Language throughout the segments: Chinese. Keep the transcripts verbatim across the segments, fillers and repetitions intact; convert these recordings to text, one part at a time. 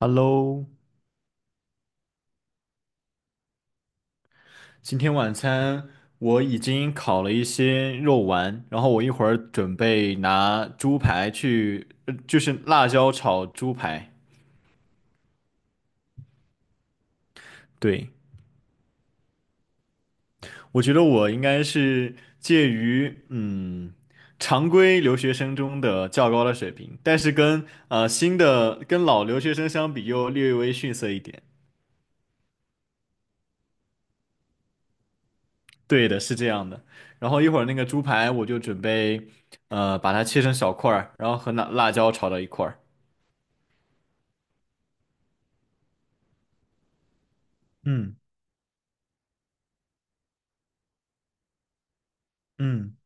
Hello，今天晚餐我已经烤了一些肉丸，然后我一会儿准备拿猪排去，呃就是辣椒炒猪排。对，我觉得我应该是介于嗯常规留学生中的较高的水平，但是跟呃新的跟老留学生相比又略微逊色一点。对的，是这样的。然后一会儿那个猪排我就准备呃把它切成小块儿，然后和那辣椒炒到一块儿。嗯。嗯，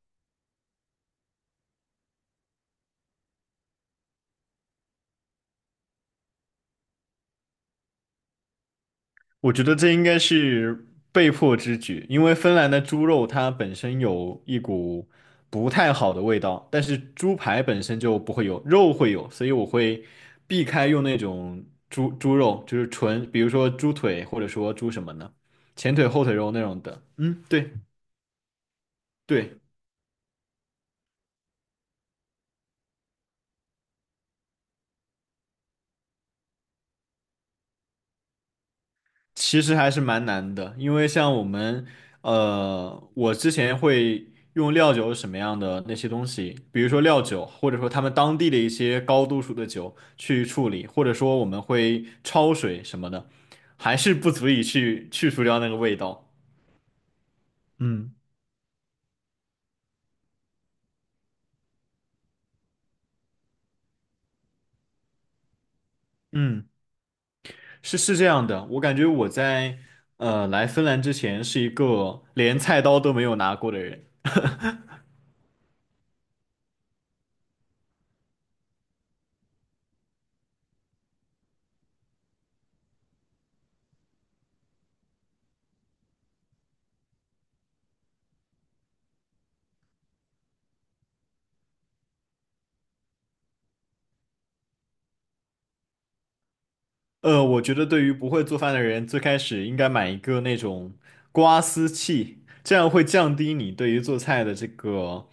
我觉得这应该是被迫之举，因为芬兰的猪肉它本身有一股不太好的味道，但是猪排本身就不会有，肉会有，所以我会避开用那种猪猪肉，就是纯，比如说猪腿或者说猪什么呢，前腿后腿肉那种的。嗯，对对。其实还是蛮难的，因为像我们，呃，我之前会用料酒什么样的那些东西，比如说料酒，或者说他们当地的一些高度数的酒去处理，或者说我们会焯水什么的，还是不足以去去除掉那个味道。嗯嗯，是是这样的，我感觉我在呃来芬兰之前是一个连菜刀都没有拿过的人。呃，我觉得对于不会做饭的人，最开始应该买一个那种刮丝器，这样会降低你对于做菜的这个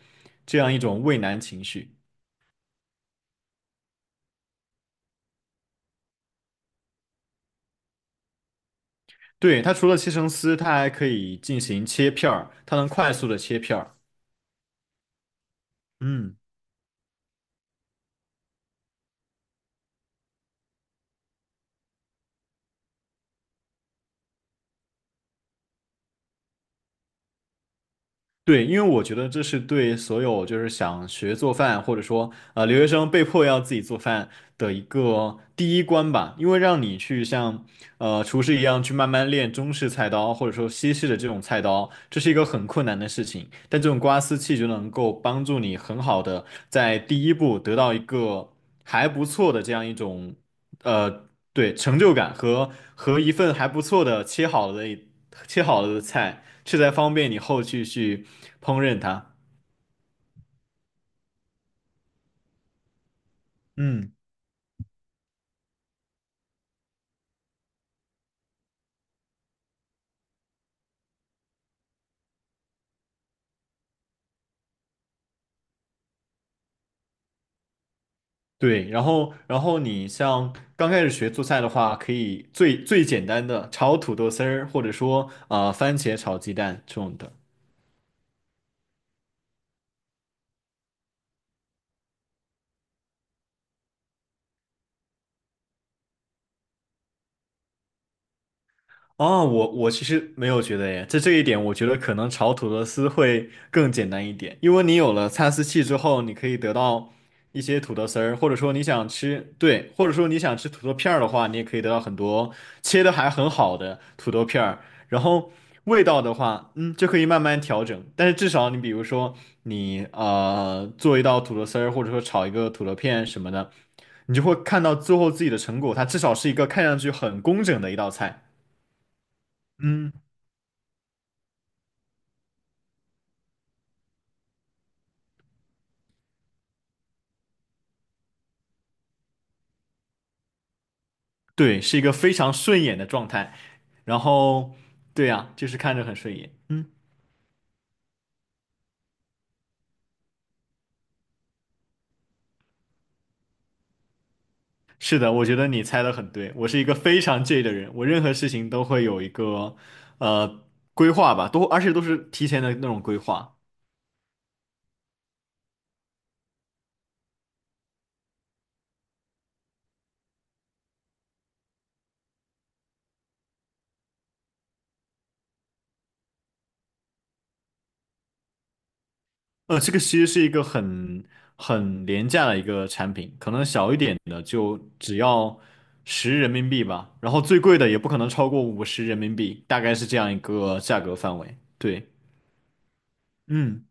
这样一种畏难情绪。对，它除了切成丝，它还可以进行切片儿，它能快速的切片儿。嗯。对，因为我觉得这是对所有就是想学做饭，或者说呃留学生被迫要自己做饭的一个第一关吧。因为让你去像呃厨师一样去慢慢练中式菜刀，或者说西式的这种菜刀，这是一个很困难的事情。但这种刮丝器就能够帮助你很好的在第一步得到一个还不错的这样一种。呃，对，成就感和和一份还不错的切好了的切好了的菜，这才方便你后续去烹饪它。嗯对，然后然后你像刚开始学做菜的话，可以最最简单的炒土豆丝儿，或者说啊番茄炒鸡蛋这种的。哦，我我其实没有觉得耶，在这一点，我觉得可能炒土豆丝会更简单一点，因为你有了擦丝器之后，你可以得到一些土豆丝儿，或者说你想吃，对，或者说你想吃土豆片儿的话，你也可以得到很多切的还很好的土豆片儿，然后味道的话，嗯，就可以慢慢调整，但是至少你比如说你呃做一道土豆丝儿，或者说炒一个土豆片什么的，你就会看到最后自己的成果，它至少是一个看上去很工整的一道菜。嗯。对，是一个非常顺眼的状态。然后，对呀，就是看着很顺眼。嗯，是的，我觉得你猜的很对。我是一个非常介意的人，我任何事情都会有一个呃规划吧，都而且都是提前的那种规划。呃，这个其实是一个很很廉价的一个产品，可能小一点的就只要十人民币吧，然后最贵的也不可能超过五十人民币，大概是这样一个价格范围。对，嗯。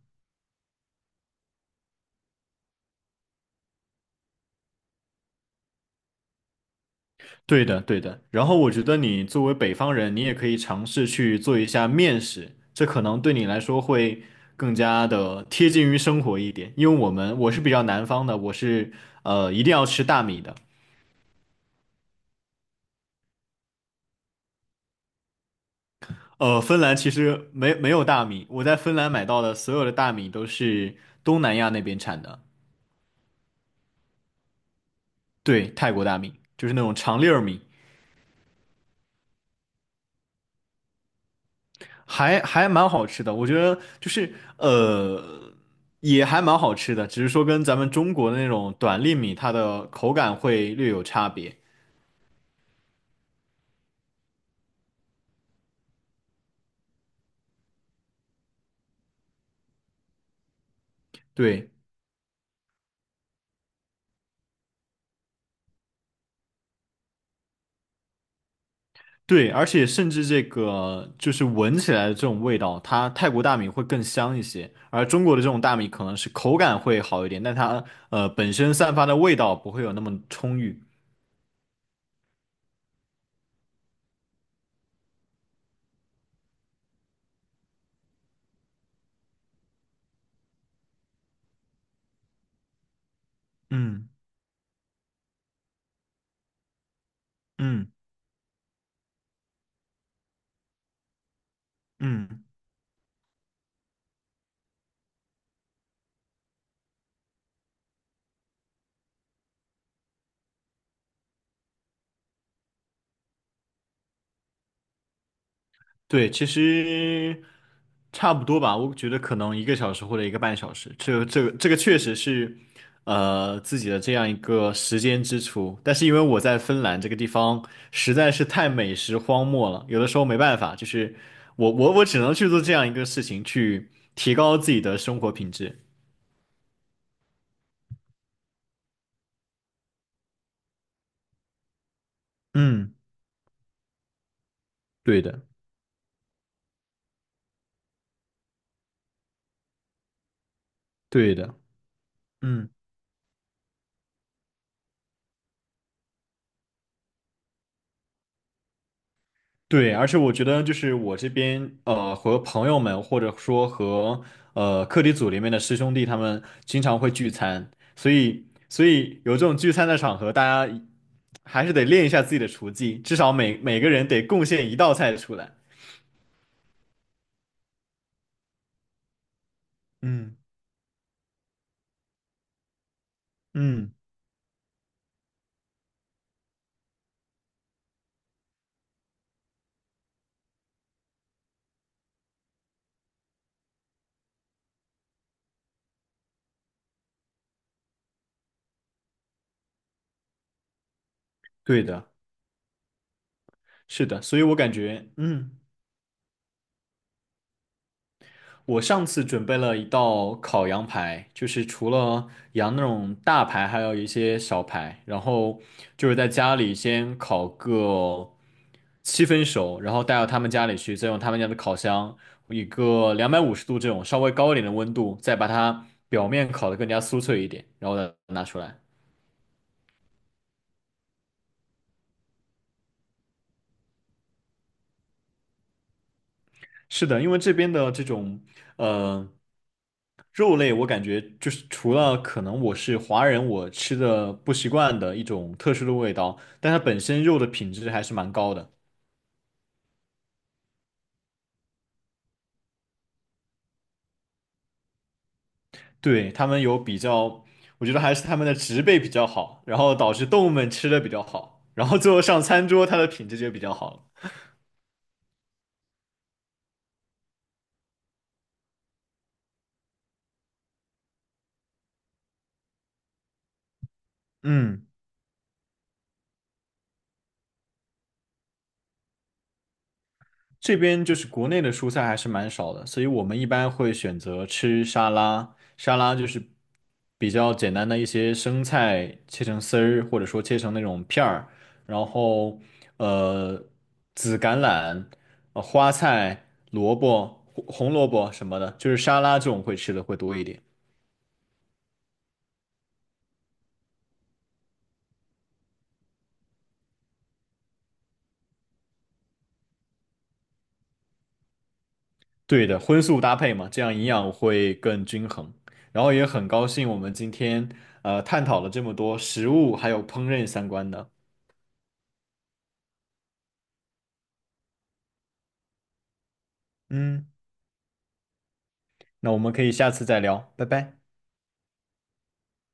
对的，对的。然后我觉得你作为北方人，你也可以尝试去做一下面食，这可能对你来说会更加的贴近于生活一点。因为我们我是比较南方的，我是呃一定要吃大米的。呃，芬兰其实没没有大米，我在芬兰买到的所有的大米都是东南亚那边产的，对，泰国大米，就是那种长粒儿米。还还蛮好吃的，我觉得就是呃，也还蛮好吃的，只是说跟咱们中国的那种短粒米，它的口感会略有差别。对对，而且甚至这个就是闻起来的这种味道，它泰国大米会更香一些，而中国的这种大米可能是口感会好一点，但它呃本身散发的味道不会有那么充裕。嗯嗯嗯。对，其实差不多吧，我觉得可能一个小时或者一个半小时，这个这个这个确实是，呃，自己的这样一个时间支出。但是因为我在芬兰这个地方实在是太美食荒漠了，有的时候没办法，就是我我我只能去做这样一个事情，去提高自己的生活品质。嗯，对的，对的，嗯。对，而且我觉得就是我这边呃和朋友们或者说和呃课题组里面的师兄弟他们经常会聚餐，所以所以有这种聚餐的场合，大家还是得练一下自己的厨技，至少每每个人得贡献一道菜出来。嗯嗯，对的，是的，所以我感觉嗯。我上次准备了一道烤羊排，就是除了羊那种大排，还有一些小排，然后就是在家里先烤个七分熟，然后带到他们家里去，再用他们家的烤箱，一个两百五十度这种稍微高一点的温度，再把它表面烤得更加酥脆一点，然后再拿出来。是的，因为这边的这种呃肉类，我感觉就是除了可能我是华人，我吃的不习惯的一种特殊的味道，但它本身肉的品质还是蛮高的。对，他们有比较，我觉得还是他们的植被比较好，然后导致动物们吃的比较好，然后最后上餐桌它的品质就比较好了。嗯。这边就是国内的蔬菜还是蛮少的，所以我们一般会选择吃沙拉。沙拉就是比较简单的一些生菜切成丝儿，或者说切成那种片儿，然后呃紫橄榄、呃花菜、萝卜、红红萝卜什么的，就是沙拉这种会吃的会多一点。对的，荤素搭配嘛，这样营养会更均衡。然后也很高兴我们今天呃探讨了这么多食物还有烹饪相关的，嗯。那我们可以下次再聊，拜拜。